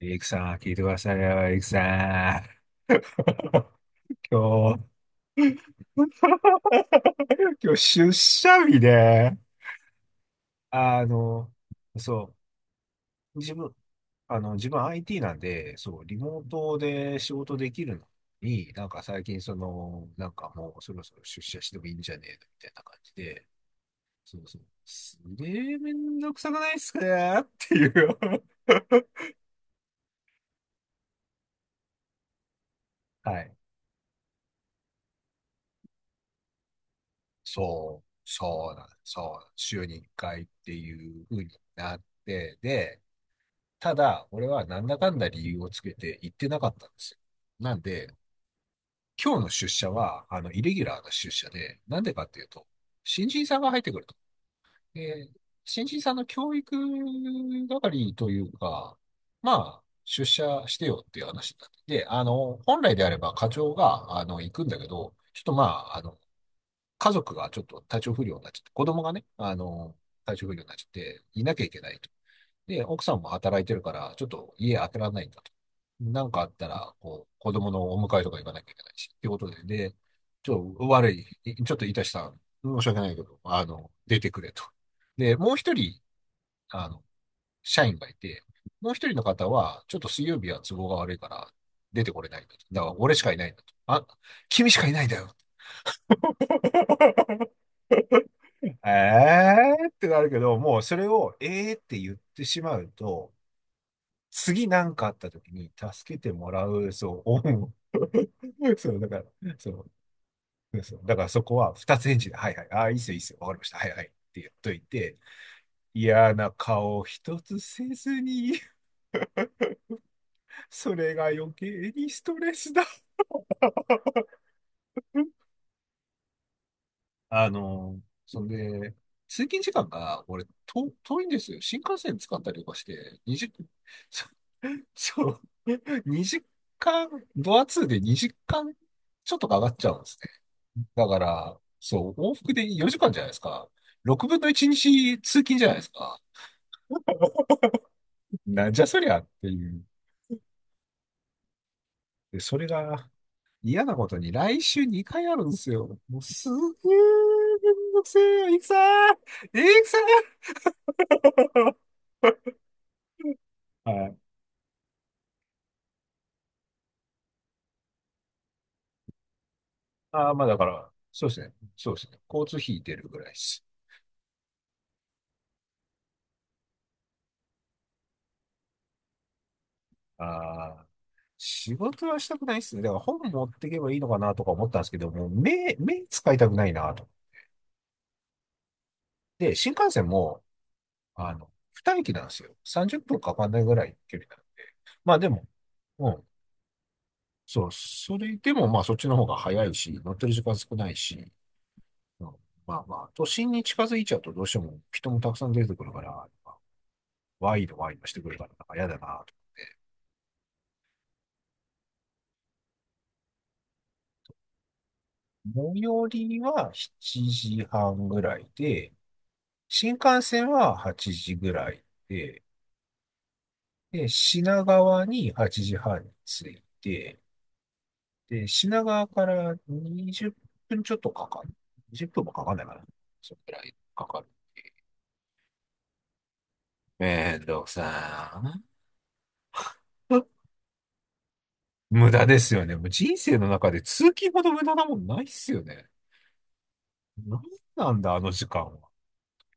エクさん、聞いてくださいよ、エクさん。今日、今日出社日で、あの、そう、自分 IT なんで、そう、リモートで仕事できるのに、なんか最近なんかもうそろそろ出社してもいいんじゃねえのみたいな感じで、そうそう、すげえめんどくさくないっすかっていう。はい。そうなんです、そう、週に1回っていう風になって、で、ただ、俺はなんだかんだ理由をつけて行ってなかったんですよ。なんで、今日の出社は、イレギュラーな出社で、なんでかっていうと、新人さんが入ってくると。で、新人さんの教育係というか、まあ、出社してよっていう話になって、で、本来であれば課長が、行くんだけど、ちょっとまあ、家族がちょっと体調不良になっちゃって、子供がね、体調不良になっちゃって、いなきゃいけないと。で、奥さんも働いてるから、ちょっと家開けられないんだと。なんかあったら、こう、子供のお迎えとか行かなきゃいけないし、っていうことで、で、ちょっと悪い、いちょっといたしたん、申し訳ないけど、出てくれと。で、もう一人、あの、社員がいて、もう一人の方は、ちょっと水曜日は都合が悪いから、出てこれないんだと。だから、俺しかいないんだと。あ、君しかいないんだよ。えーってなるけど、もうそれをえーって言ってしまうと、次なんかあった時に助けてもらう、そう、恩を。そう、だから、そう、そう、だからそこは二つ返事で、はいはい、ああ、いいっすよ、いいっすよ、わかりました、はいはいって言っといて、嫌な顔一つせずに、それが余計にストレスだ。あの、そんで、通勤時間が、俺、遠いんですよ。新幹線使ったりとかして、20分。そう。2時間、ドアツーで2時間ちょっとかかっちゃうんですね。だから、そう、往復で4時間じゃないですか。6分の1日通勤じゃないですか。なんじゃそりゃっていう。で、それが嫌なことに来週2回あるんですよ。もうすげーめんどくせえよ、いくさーいくさー はい。ああ、まあだから、そうですね。そうですね。交通費出るぐらいです。ああ。仕事はしたくないっすね。だから本持ってけばいいのかなとか思ったんですけど、もう目使いたくないなと。で、新幹線も、二駅なんですよ。30分かかんないぐらいの距離だ。まあでも、うん。そう、それでもまあそっちの方が早いし、乗ってる時間少ないし、うん、まあまあ、都心に近づいちゃうとどうしても人もたくさん出てくるから、ワイドワイドしてくるから、なんか嫌だなと。最寄りは7時半ぐらいで、新幹線は8時ぐらいで、で、品川に8時半に着いて、で、品川から20分ちょっとかかる。20分もかかんないかな。それくらいかかる。めんどくさー。無駄ですよね。もう人生の中で通勤ほど無駄なもんないっすよね。なんなんだ、あの時間は。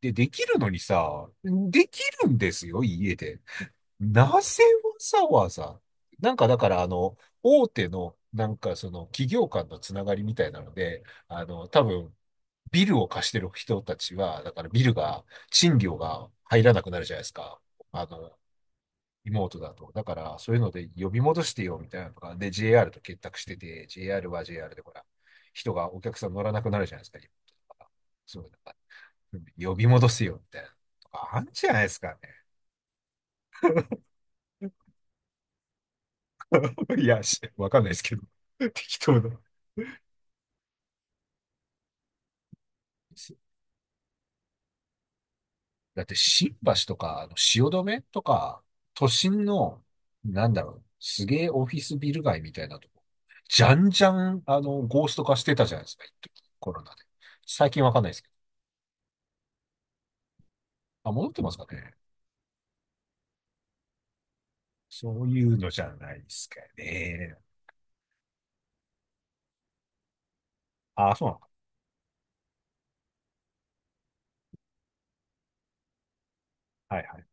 で、できるのにさ、できるんですよ、家で。なぜわざわざなんかだから大手のなんかその企業間のつながりみたいなので、多分ビルを貸してる人たちは、だからビルが、賃料が入らなくなるじゃないですか。あの、リモートだと。だからそういうので呼び戻してよみたいなのが、で、JR と結託してて、JR は JR でほら、人がお客さん乗らなくなるじゃないですか。リモートとかそう、なんか呼び戻せよみたいなのとかあるんじゃないですかね。いや、しわかんないですけど。適当だ。だって新橋とか、汐留とか、都心の、なんだろう、すげえオフィスビル街みたいなとこ、じゃんじゃん、ゴースト化してたじゃないですか、一時コロナで。最近わかんないですけど。あ、戻ってますかね。そういうのじゃないですかね。ああ、そうなのか。はいはい。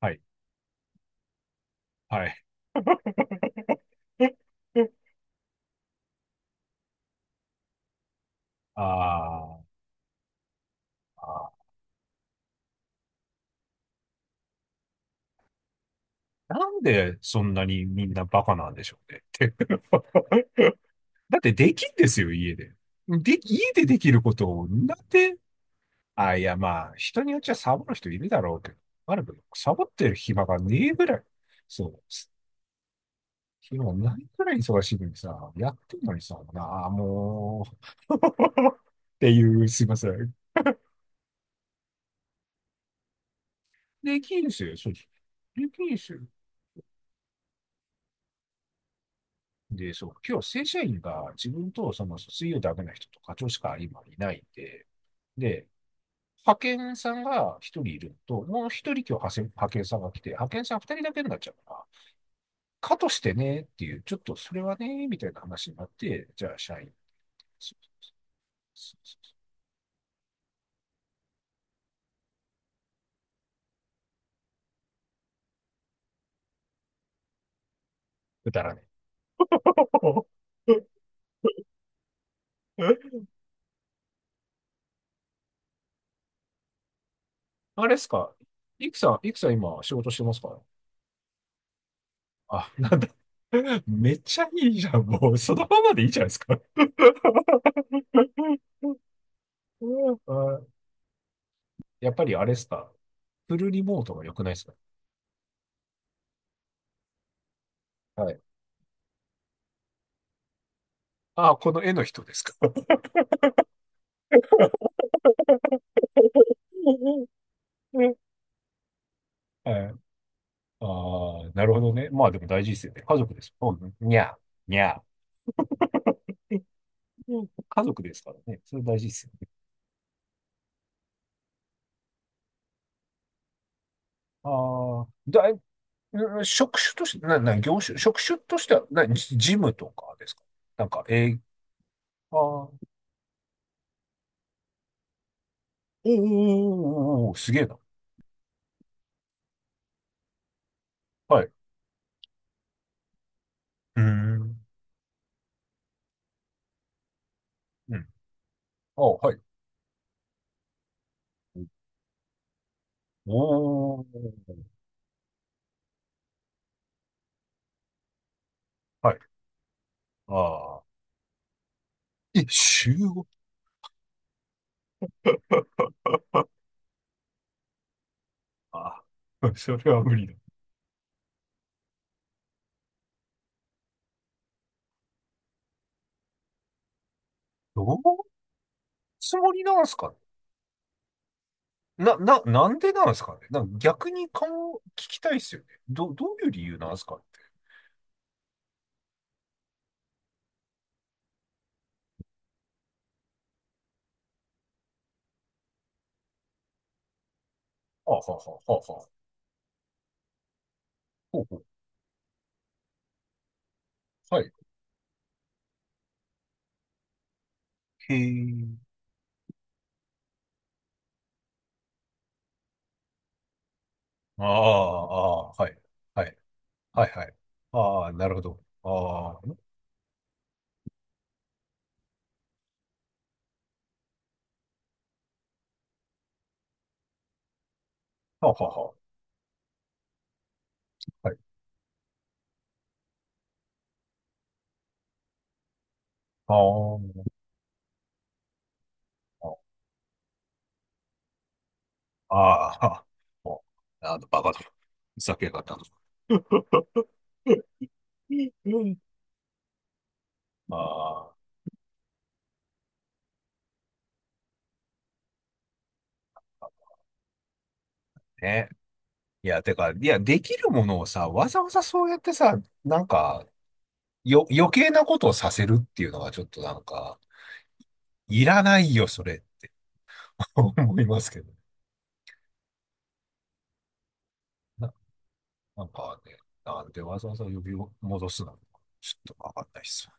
はい。はい。あーあー、なんでそんなにみんなバカなんでしょうねって。だってできんですよ、家で。で、家でできることを、なんで、あ、いや、まあ、人によっちゃサボる人いるだろうけど、あるけど、サボってる暇がねえぐらい、そう、暇がないぐらい忙しいのにさ、やってんのにさ、なあ、もう、っていう、すいません。できんすよ、そうです。できんすよ。で、そう、今日正社員が自分とその水曜ダメな人と課長しか今いないんで、で、派遣さんが一人いるのと、もう一人今日派遣さんが来て、派遣さん二人だけになっちゃうから、かとしてねっていう、ちょっとそれはね、みたいな話になって、じゃあ社員、そうそうそう、くだらねえ。えあれっすか？いくさん、いくさん今仕事してますか？あ、なんだ。めっちゃいいじゃん。もうそのままでいいじゃないですか。あやっぱりあれっすか？フルリモートが良くないですか？はい。あ、この絵の人ですか？ うはい。ああ、なるほどね。まあでも大事ですよね。家族ですもんね。にゃー、にゃー。うん家族ですからね。それ大事ですよね。ああ、うん職種として、な、な、業種、職種としては、ジジムとかですか？なんか、ああ、おーおーおーすげえな。はい。うーん。うん。ああ、はい。おお、はい。ああ、え、週ご ああ、それは無理だ。どういうつもりなんすかね？なんでなんですかね。なんか逆に顔を聞きたいですよね。どういう理由なんですかね。はあ、はあ、はあ、はあはあ。ほうほう。はい。へえ。ああ、ああー、はい。はい。はい、はい。ああ、なるほど。ああ、はあ、はあ、はあ。はい。ああ、ああ、ああ、あバカだ。ふざけやがったと。うんああ、ね。いや、てか、いや、できるものをさ、わざわざそうやってさ、なんか、余計なことをさせるっていうのはちょっとなんか、いらないよ、それって 思いますけどね。な、なんかね、なんでわざわざ呼び戻すのか、ちょっとわかんないっす。